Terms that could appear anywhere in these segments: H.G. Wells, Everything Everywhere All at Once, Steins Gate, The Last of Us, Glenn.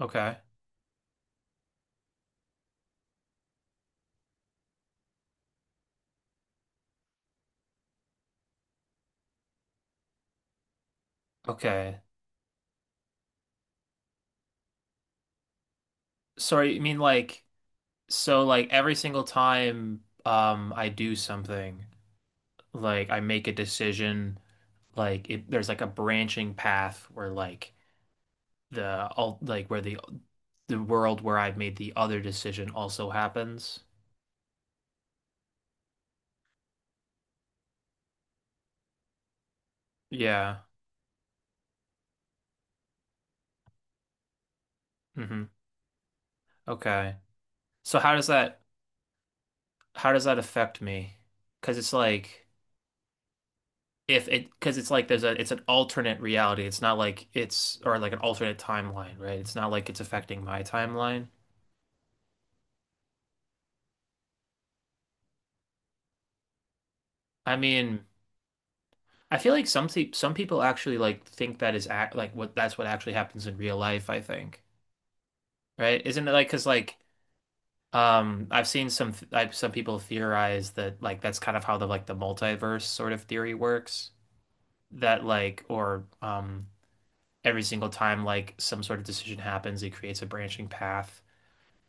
Okay. Okay. Sorry, you mean like, so like every single time I do something, like I make a decision, like there's like a branching path where like the all like where the the world where I've made the other decision also happens. Yeah. hmm Okay. So how does that affect me? 'Cause it's like if it because it's like there's a it's an alternate reality. It's not like it's, or like an alternate timeline, right? It's not like it's affecting my timeline. I mean, I feel like some people actually like think that is act like what that's what actually happens in real life, I think. Right? Isn't it like because like I've seen some some people theorize that like that's kind of how the multiverse sort of theory works that like or every single time like some sort of decision happens, it creates a branching path.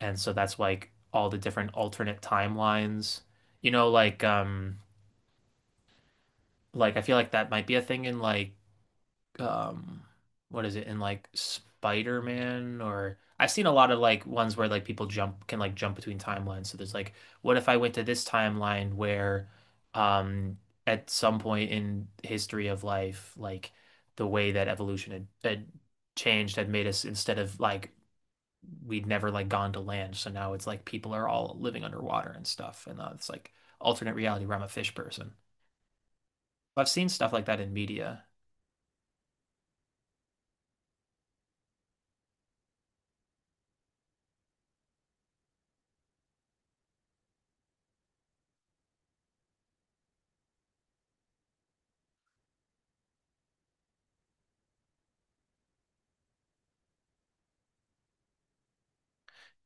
And so that's like all the different alternate timelines. You know, like I feel like that might be a thing in like um what is it, in like Spider-Man? Or I've seen a lot of like ones where like people jump can like jump between timelines. So there's like, what if I went to this timeline where um at some point in history of life, like the way that evolution had changed had made us, instead of like we'd never like gone to land, so now it's like people are all living underwater and stuff. And it's like alternate reality where I'm a fish person. So I've seen stuff like that in media.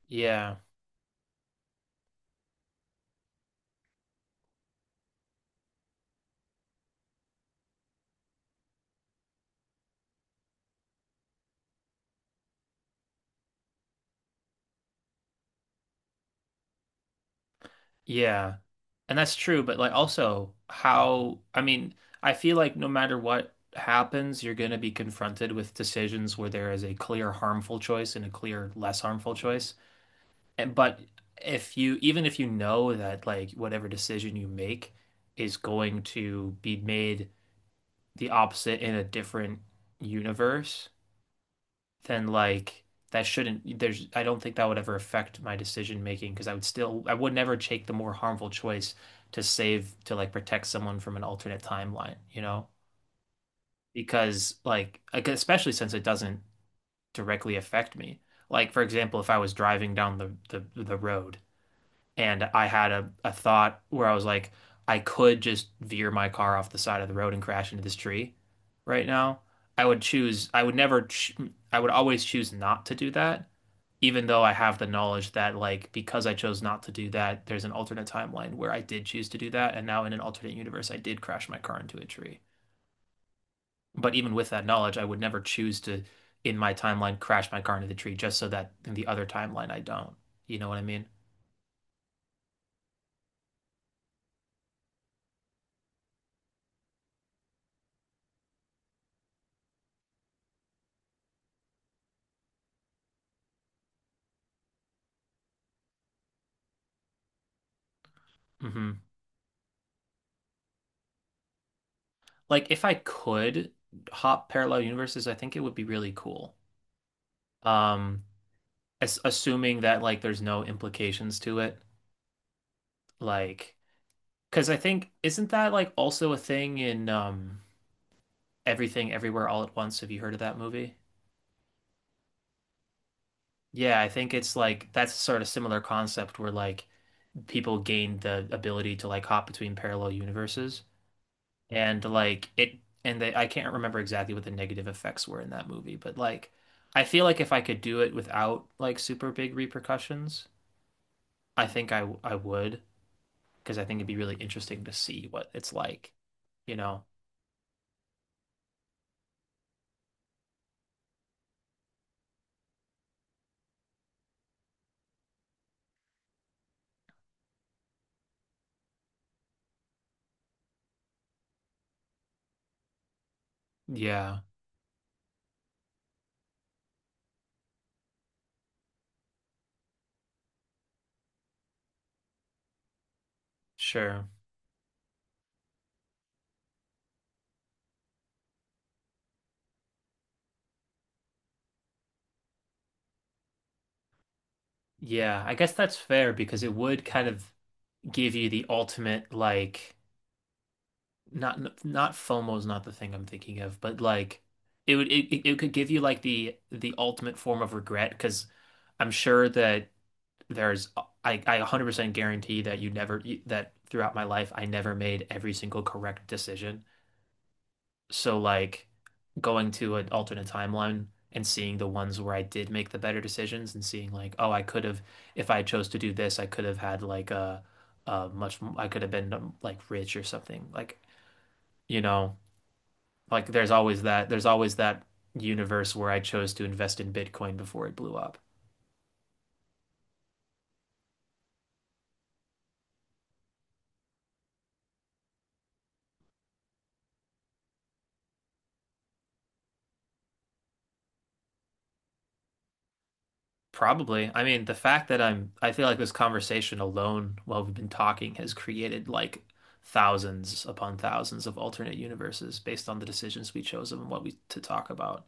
Yeah. Yeah. And that's true. But like also how, I mean, I feel like no matter what happens, you're going to be confronted with decisions where there is a clear harmful choice and a clear less harmful choice. And, but if you, even if you know that like whatever decision you make is going to be made the opposite in a different universe, then like that shouldn't there's I don't think that would ever affect my decision making, because I would still, I would never take the more harmful choice to save, to like protect someone from an alternate timeline, you know? Because like, especially since it doesn't directly affect me. Like for example, if I was driving down the road and I had a thought where I was like, I could just veer my car off the side of the road and crash into this tree right now. I would choose, I would never, ch I would always choose not to do that, even though I have the knowledge that, like, because I chose not to do that, there's an alternate timeline where I did choose to do that. And now in an alternate universe, I did crash my car into a tree. But even with that knowledge, I would never choose to, in my timeline, crash my car into the tree just so that in the other timeline, I don't. You know what I mean? hmm like if I could hop parallel universes, I think it would be really cool. Um, as assuming that like there's no implications to it, like because I think isn't that like also a thing in Everything Everywhere All at Once? Have you heard of that movie? Yeah, I think it's like that's a sort of similar concept where like people gain the ability to like hop between parallel universes. And like it and they, I can't remember exactly what the negative effects were in that movie, but like I feel like if I could do it without like super big repercussions, I think I would, because I think it'd be really interesting to see what it's like, you know. Yeah, sure. Yeah, I guess that's fair, because it would kind of give you the ultimate like, not not FOMO is not the thing I'm thinking of, but like it would it could give you like the ultimate form of regret. Because I'm sure that there's I 100% guarantee that you never, that throughout my life I never made every single correct decision. So like going to an alternate timeline and seeing the ones where I did make the better decisions and seeing like, oh, I could have, if I chose to do this, I could have had like a much I could have been like rich or something. Like, you know, like there's always that, there's always that universe where I chose to invest in Bitcoin before it blew up. Probably. I mean, the fact that I feel like this conversation alone while we've been talking has created like thousands upon thousands of alternate universes based on the decisions we chose and what we to talk about.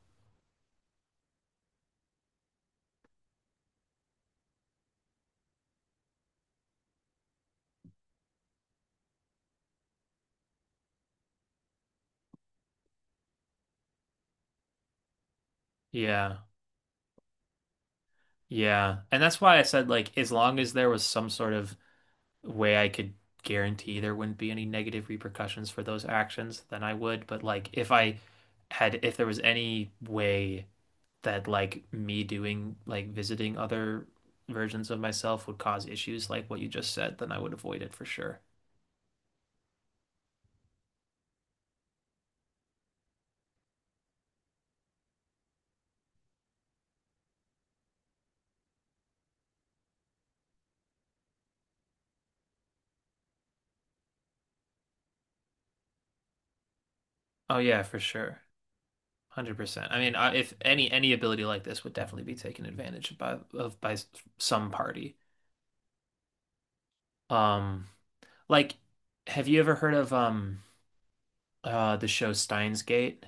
Yeah. Yeah. And that's why I said, like as long as there was some sort of way I could guarantee there wouldn't be any negative repercussions for those actions, then I would. But like if I had, if there was any way that like me doing like visiting other versions of myself would cause issues like what you just said, then I would avoid it for sure. Oh yeah, for sure. 100%. I mean, I, if any ability like this would definitely be taken advantage of by some party. Um like, have you ever heard of the show Steins Gate?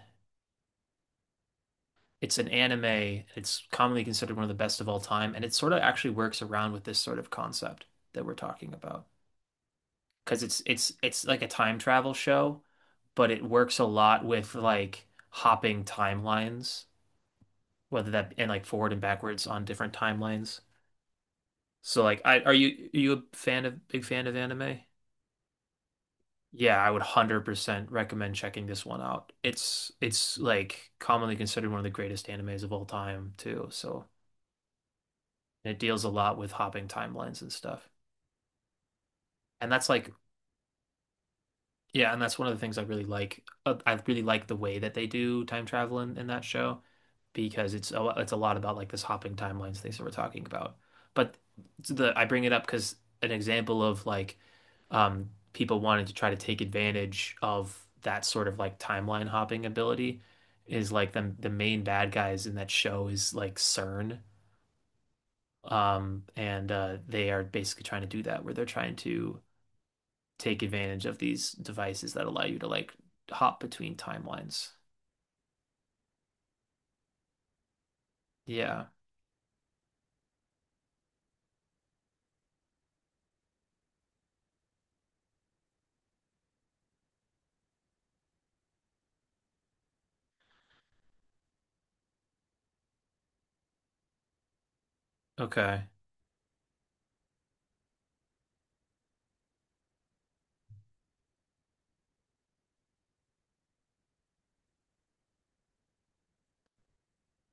It's an anime. It's commonly considered one of the best of all time, and it sort of actually works around with this sort of concept that we're talking about. Because it's it's like a time travel show, but it works a lot with like hopping timelines, whether that, and like forward and backwards on different timelines. So like, I are you a fan, of big fan of anime? Yeah, I would 100% recommend checking this one out. It's like commonly considered one of the greatest animes of all time too. So it deals a lot with hopping timelines and stuff. And that's like, yeah, and that's one of the things I really like. I really like the way that they do time travel in that show, because it's a, it's a lot about like this hopping timelines things that we're talking about. But the I bring it up because an example of like people wanting to try to take advantage of that sort of like timeline hopping ability is like the main bad guys in that show is like CERN. And they are basically trying to do that, where they're trying to take advantage of these devices that allow you to like hop between timelines. Yeah. Okay.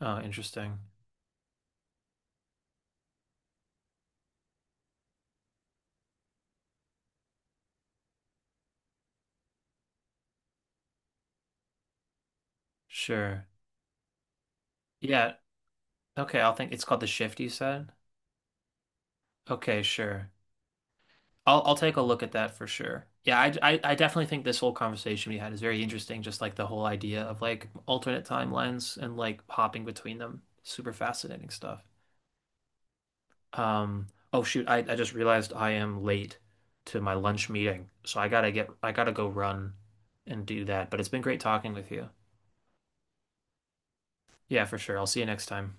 Oh, interesting. Sure. Yeah. Okay, I'll, think it's called The Shift, you said. Okay, sure. I'll take a look at that for sure. Yeah, I definitely think this whole conversation we had is very interesting, just like the whole idea of like alternate timelines and like hopping between them. Super fascinating stuff. Um, oh shoot, I just realized I am late to my lunch meeting, so I gotta go run and do that. But it's been great talking with you. Yeah, for sure. I'll see you next time.